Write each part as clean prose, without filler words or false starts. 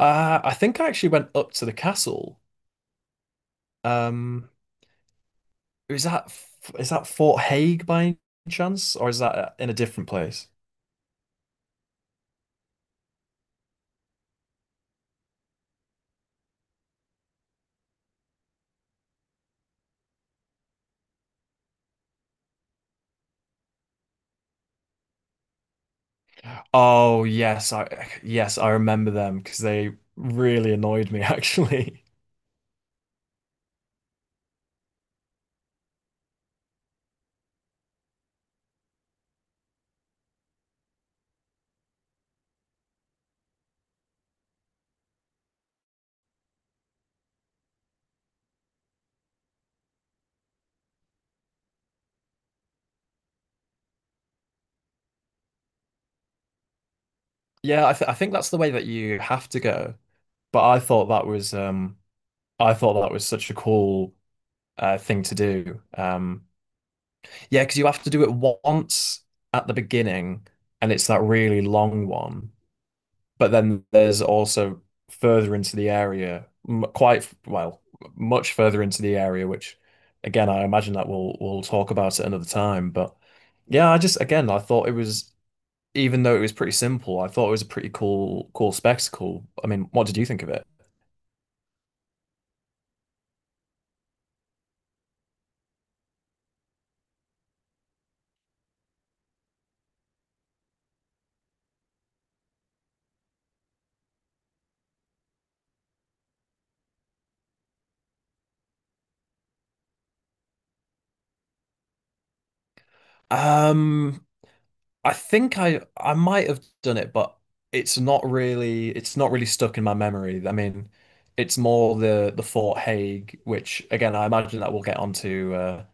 I think I actually went up to the castle. Um, is that is that Fort Hague by any chance, or is that in a different place? Oh yes I remember them because they really annoyed me actually. Yeah, I think that's the way that you have to go. But I thought that was I thought that was such a cool thing to do. Yeah, because you have to do it once at the beginning, and it's that really long one. But then there's also further into the area, quite well, much further into the area, which again, I imagine that we'll talk about at another time. But yeah, I just again, I thought it was, even though it was pretty simple, I thought it was a pretty cool spectacle. I mean, what did you think of it? Um, I think I might have done it, but it's not really stuck in my memory. I mean, it's more the Fort Hague, which again I imagine that we'll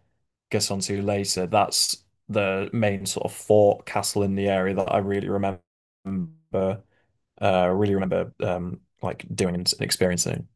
get onto later. That's the main sort of fort castle in the area that I really remember like doing and experiencing.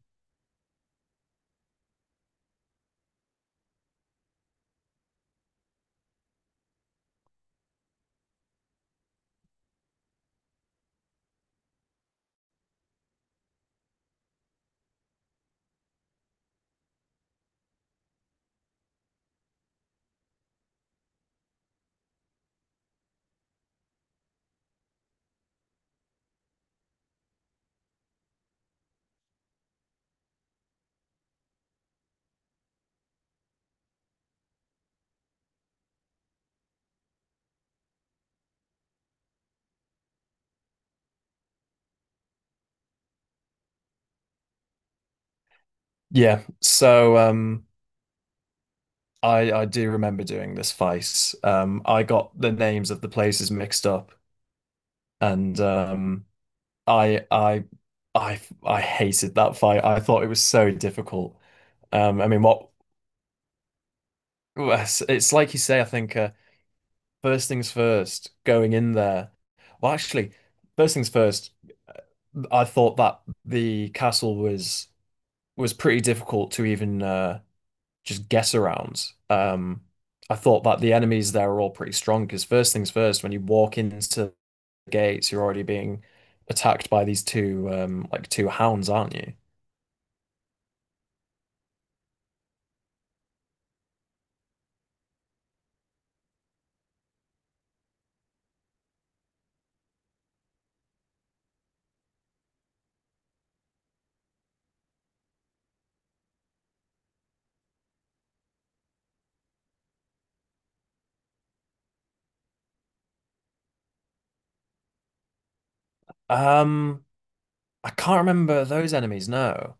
Yeah. So I do remember doing this face. I got the names of the places mixed up and I I I hated that fight. I thought it was so difficult. I mean, what well, it's like you say. I think first things first, going in there. Well, actually, first things first. I thought that the castle was pretty difficult to even just guess around. I thought that the enemies there are all pretty strong because first things first, when you walk into gates, you're already being attacked by these two like two hounds, aren't you? Um, I can't remember those enemies, no.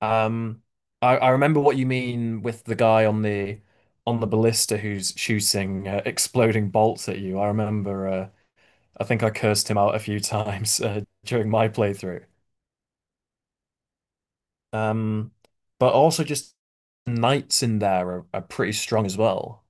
Um, I remember what you mean with the guy on the ballista who's shooting exploding bolts at you. I remember I think I cursed him out a few times during my playthrough. Um, but also just knights in there are pretty strong as well.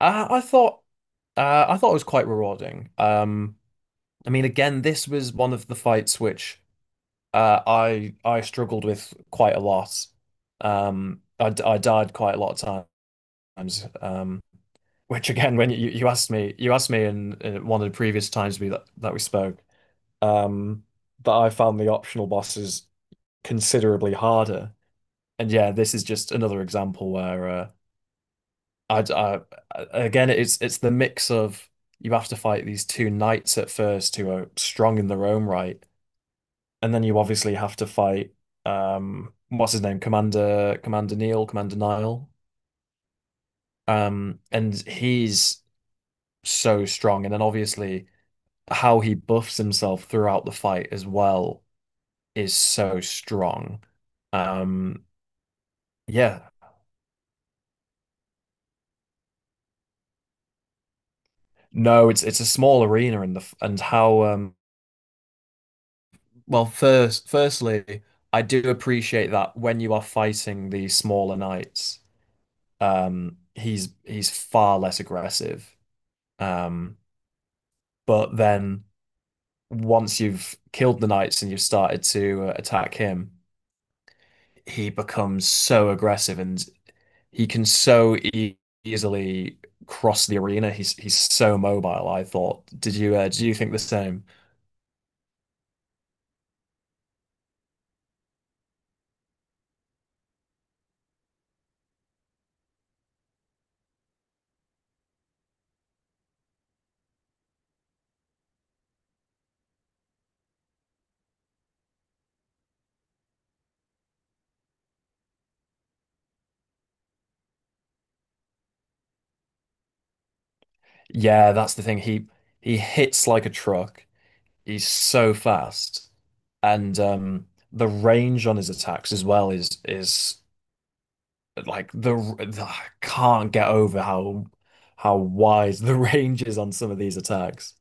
I, I thought I thought it was quite rewarding. I mean, again, this was one of the fights which I struggled with quite a lot. I died quite a lot of times. Which again, when you asked me in one of the previous times we that, that we spoke, um, that I found the optional bosses considerably harder. And yeah, this is just another example where I, I again, it's the mix of you have to fight these two knights at first who are strong in their own right and then you obviously have to fight what's his name? Commander Nile. And he's so strong. And then obviously how he buffs himself throughout the fight as well is so strong. Um yeah. No, it's a small arena and the and how well firstly I do appreciate that when you are fighting the smaller knights he's far less aggressive. Um But then once you've killed the knights and you've started to attack him, he becomes so aggressive and he can so e easily cross the arena. He's so mobile, I thought. Did you do you think the same? Yeah, that's the thing. He hits like a truck. He's so fast. And the range on his attacks as well is like the I can't get over how wide the range is on some of these attacks.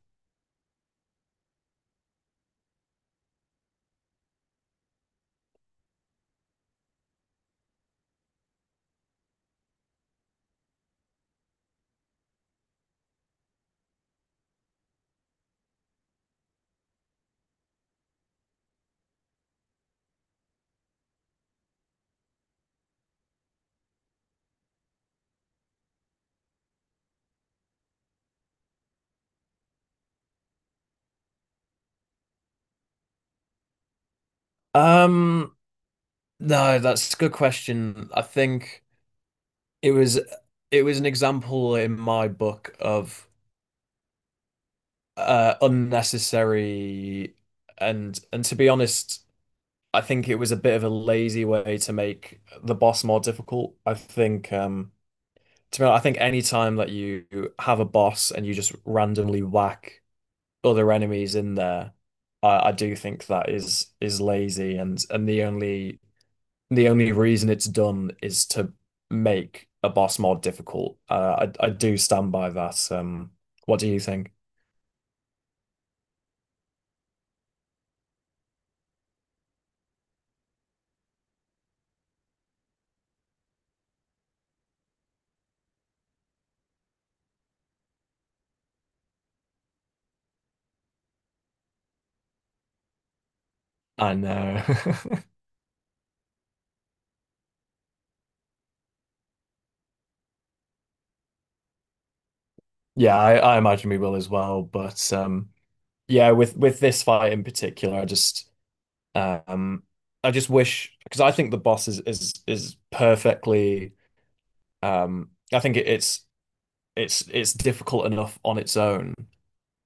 Um, no, that's a good question. I think it was an example in my book of unnecessary and to be honest, I think it was a bit of a lazy way to make the boss more difficult. I think to be honest, I think any time that you have a boss and you just randomly whack other enemies in there, I do think that is lazy and the only reason it's done is to make a boss more difficult. I do stand by that. What do you think? I know. Yeah, I imagine we will as well. But yeah, with this fight in particular, um, I just wish because I think the boss is perfectly. I think it's it's difficult enough on its own,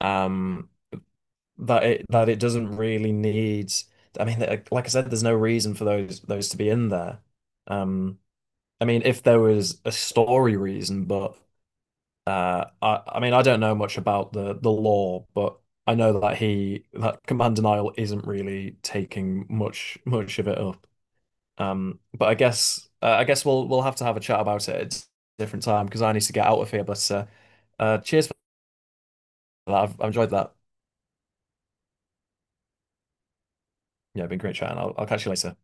um that it doesn't really need I mean like I said there's no reason for those to be in there um I mean if there was a story reason but I mean I don't know much about the law but I know that command denial isn't really taking much of it up but I guess we'll have to have a chat about it at a different time because I need to get out of here but cheers for that I've enjoyed that yeah been great chatting I'll catch you later.